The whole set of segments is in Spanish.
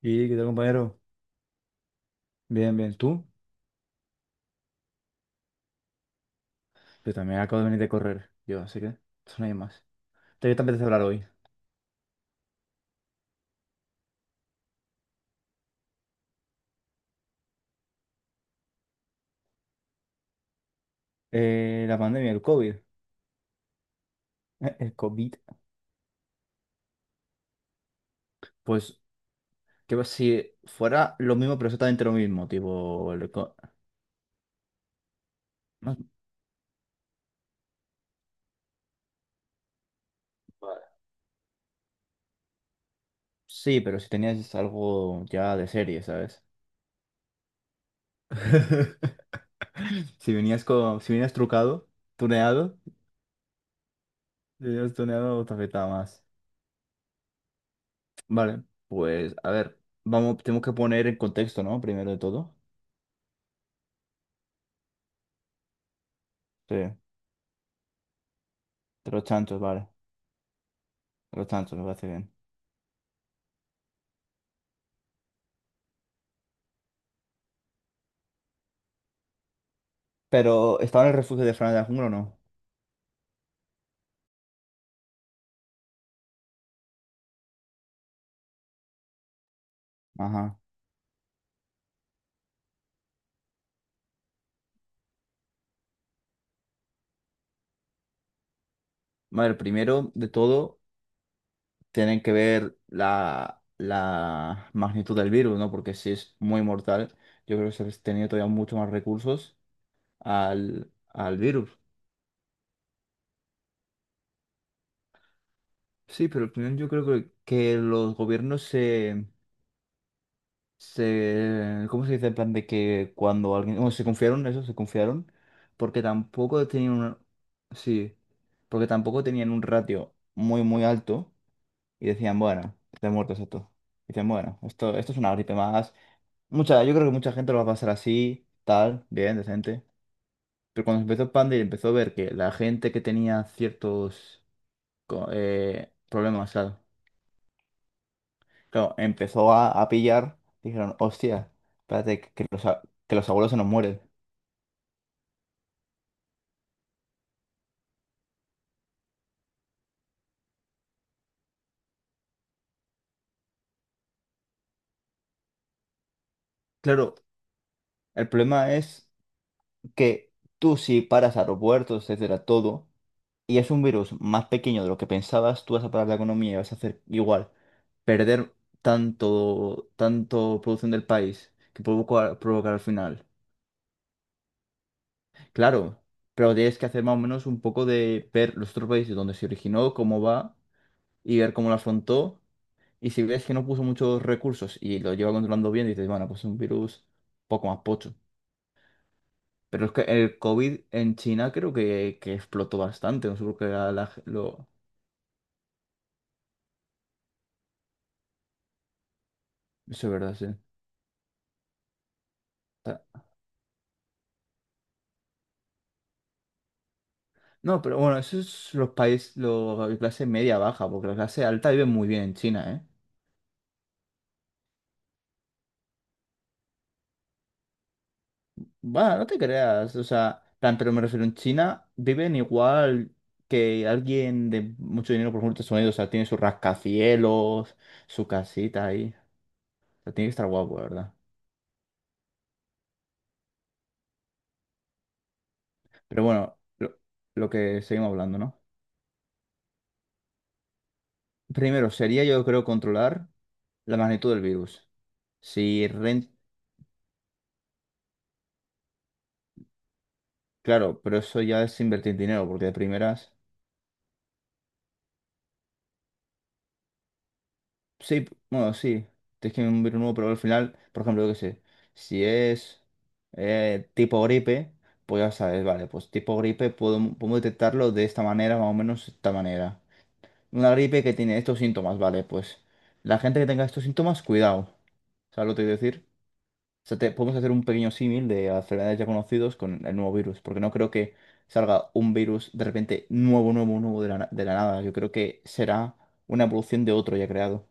¿Y qué tal, compañero? Bien, bien. ¿Tú? Yo también acabo de venir de correr. Yo, así que eso no hay más. ¿De qué te voy a empezar a hablar hoy? La pandemia, el COVID. El COVID. Pues, ¿qué pasa si fuera lo mismo, pero exactamente lo mismo? Tipo, el co- no- vale. Sí, pero si tenías algo ya de serie, ¿sabes? Si venías con, si venías trucado, tuneado, si venías tuneado, te afectaba más. Vale, pues, a ver, vamos, tenemos que poner en contexto, ¿no? Primero de todo. Sí. De los chanchos, vale. De los chanchos, me parece bien. Pero, ¿estaba en el refugio de Fran de la Jungla o no? Ajá. Vale, primero de todo, tienen que ver la magnitud del virus, ¿no? Porque si es muy mortal, yo creo que se les tenía todavía mucho más recursos al virus. Sí, pero al final yo creo que los gobiernos se, ¿cómo se dice? En plan de que cuando alguien, bueno, se confiaron, eso, se confiaron, porque tampoco tenían un, sí, porque tampoco tenían un ratio muy, muy alto y decían, bueno, está muerto esto. Dicen, bueno, esto es una gripe más. Mucha, yo creo que mucha gente lo va a pasar así, tal, bien, decente. Pero cuando empezó el Panda y empezó a ver que la gente que tenía ciertos problemas, claro. Claro, empezó a pillar, dijeron, hostia, espérate, que los, que los abuelos se nos mueren. Claro, el problema es que tú si paras aeropuertos, etcétera, todo, y es un virus más pequeño de lo que pensabas, tú vas a parar la economía y vas a hacer igual, perder tanto, tanto producción del país que provoca, provocar al final. Claro, pero tienes que hacer más o menos un poco de ver los otros países donde se originó, cómo va y ver cómo lo afrontó. Y si ves que no puso muchos recursos y lo lleva controlando bien, dices, bueno, pues es un virus poco más pocho. Pero es que el COVID en China creo que explotó bastante. No sé por qué lo... Eso es verdad, sí. Ta- No, pero bueno, eso es los países, los la clase media baja, porque la clase alta vive muy bien en China, ¿eh? Bueno, no te creas, o sea, plan, pero me refiero, en China viven igual que alguien de mucho dinero, por ejemplo, Estados Unidos, o sea, tiene sus rascacielos, su casita ahí. O sea, tiene que estar guapo, la ¿verdad? Pero bueno, lo que seguimos hablando, ¿no? Primero, sería yo creo controlar la magnitud del virus. Si rent... Claro, pero eso ya es invertir dinero, porque de primeras... Sí, bueno, sí, tienes que un virus nuevo, pero al final, por ejemplo, yo qué sé, si es tipo gripe, pues ya sabes, vale, pues tipo gripe puedo, puedo detectarlo de esta manera, más o menos de esta manera. Una gripe que tiene estos síntomas, vale, pues la gente que tenga estos síntomas, cuidado. ¿Sabes lo que te quiero decir? O sea, te- podemos hacer un pequeño símil de a enfermedades ya conocidos con el nuevo virus, porque no creo que salga un virus de repente nuevo, nuevo, nuevo de la, de la nada. Yo creo que será una evolución de otro ya creado.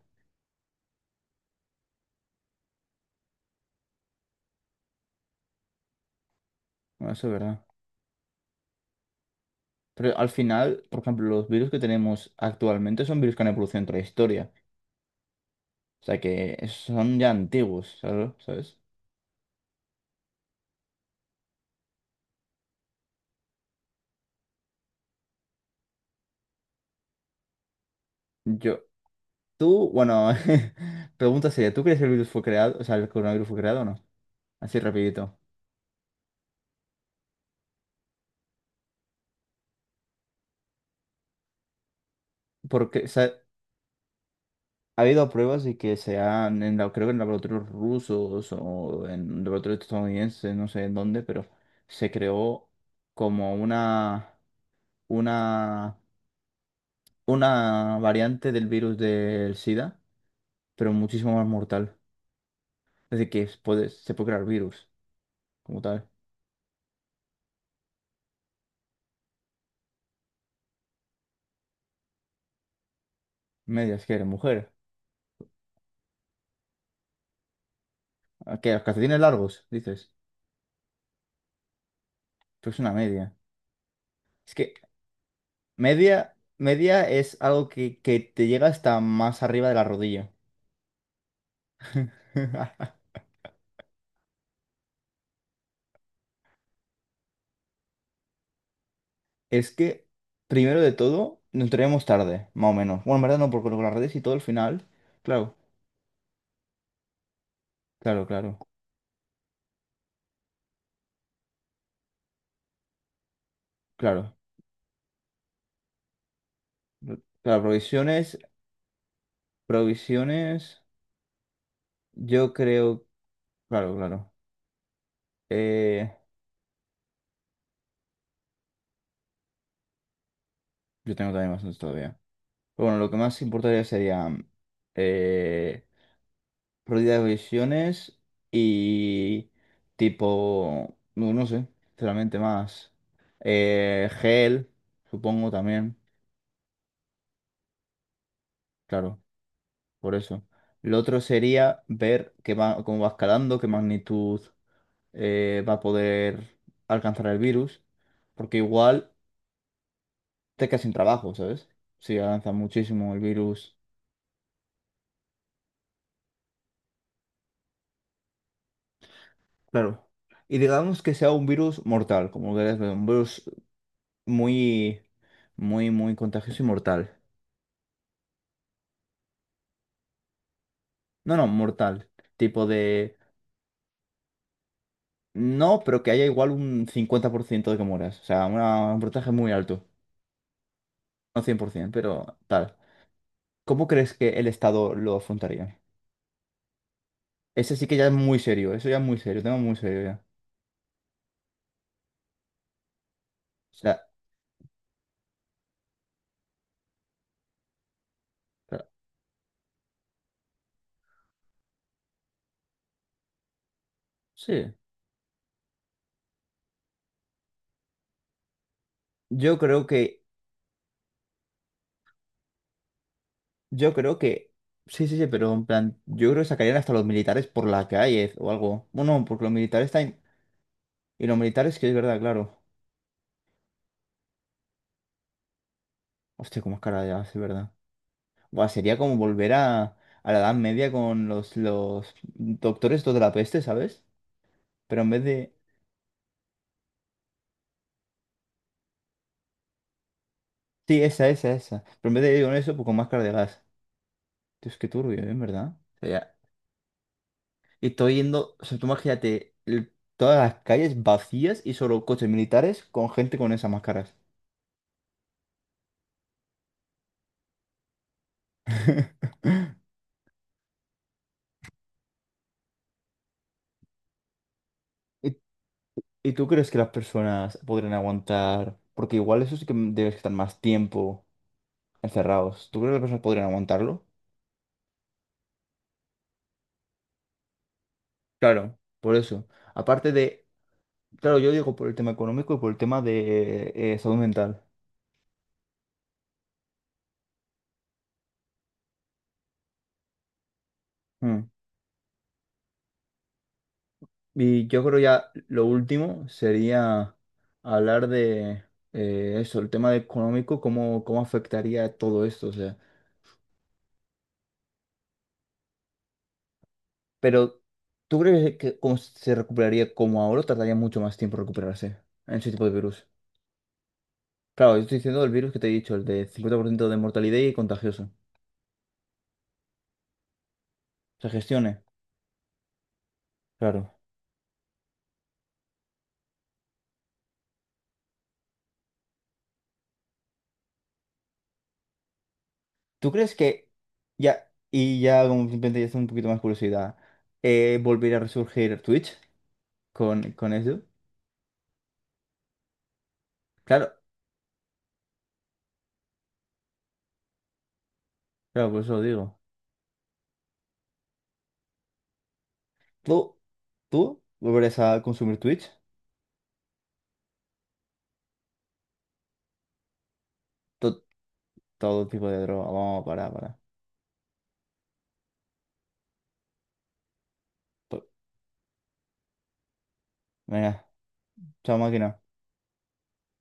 Bueno, eso es verdad. Pero al final, por ejemplo, los virus que tenemos actualmente son virus que han evolucionado entre la historia. O sea que son ya antiguos, ¿sabes? ¿Sabes? Yo, tú, bueno, pregunta sería, ¿tú crees que el virus fue creado? O sea, ¿el coronavirus fue creado o no? Así rapidito. Porque, ha habido pruebas de que se han, creo que en laboratorios rusos o en laboratorios estadounidenses, no sé en dónde, pero se creó como una, una, una variante del virus del SIDA, pero muchísimo más mortal. Es decir, se puede crear virus como tal. Medias, que eres mujer. ¿A ¿Qué? ¿Los calcetines largos? Dices. Pues una media. Es que media es algo que te llega hasta más arriba de la rodilla. Es que, primero de todo, nos entraríamos tarde, más o menos. Bueno, en verdad no, porque con las redes y todo al final. Claro, claro, claro, claro. Claro, provisiones, provisiones, yo creo. Claro, claro. Eh, yo tengo también bastantes todavía. Pero bueno, lo que más importaría sería eh, pérdida de provisiones y tipo, no, no sé, sinceramente más. Gel, supongo también, claro. Por eso. Lo otro sería ver qué va, cómo va escalando, qué magnitud va a poder alcanzar el virus, porque igual te quedas sin trabajo, ¿sabes? Si avanza muchísimo el virus. Claro. Y digamos que sea un virus mortal, como querés ver, un virus muy, muy, muy contagioso y mortal. No, no, mortal. Tipo de... No, pero que haya igual un 50% de que mueras. O sea, una- un porcentaje muy alto. No 100% pero tal. ¿Cómo crees que el Estado lo afrontaría? Ese sí que ya es muy serio, eso ya es muy serio, tema muy serio ya. O sea, claro, sí. Yo creo que, yo creo que, sí, sí, sí, pero en plan, yo creo que sacarían hasta los militares por la calle o algo. Bueno, porque los militares están, y los militares que es verdad, claro. Hostia, cómo es cara ya, es verdad. Buah, sería como volver a la Edad Media con los doctores estos de la peste, ¿sabes? Pero en vez de, sí, esa, esa, esa. Pero en vez de ir con eso, pues con máscara de gas. Tío, es que turbio, ¿eh? ¿En verdad? O sea, ya- Y estoy yendo, o sea, tú imagínate el- todas las calles vacías y solo coches militares con gente con esas máscaras. ¿Y, y tú crees que las personas podrían aguantar? Porque igual eso sí que debes estar más tiempo encerrados. ¿Tú crees que las personas podrían aguantarlo? Claro, por eso. Aparte de, claro, yo digo por el tema económico y por el tema de salud mental. Mm. Y yo creo ya lo último sería hablar de eso, el tema económico, cómo, cómo afectaría todo esto. O sea, pero ¿tú crees que cómo se recuperaría como ahora o tardaría mucho más tiempo recuperarse en ese tipo de virus? Claro, yo estoy diciendo el virus que te he dicho, el de 50% de mortalidad y contagioso. Se gestione, claro. ¿Tú crees que como simplemente ya es un poquito más curiosidad, volverá a resurgir Twitch con eso? Claro, claro, por eso lo digo. ¿Tú? ¿Tú? ¿Volverás a consumir Twitch? To- todo tipo de droga. Vamos, para, para. Venga, chao máquina.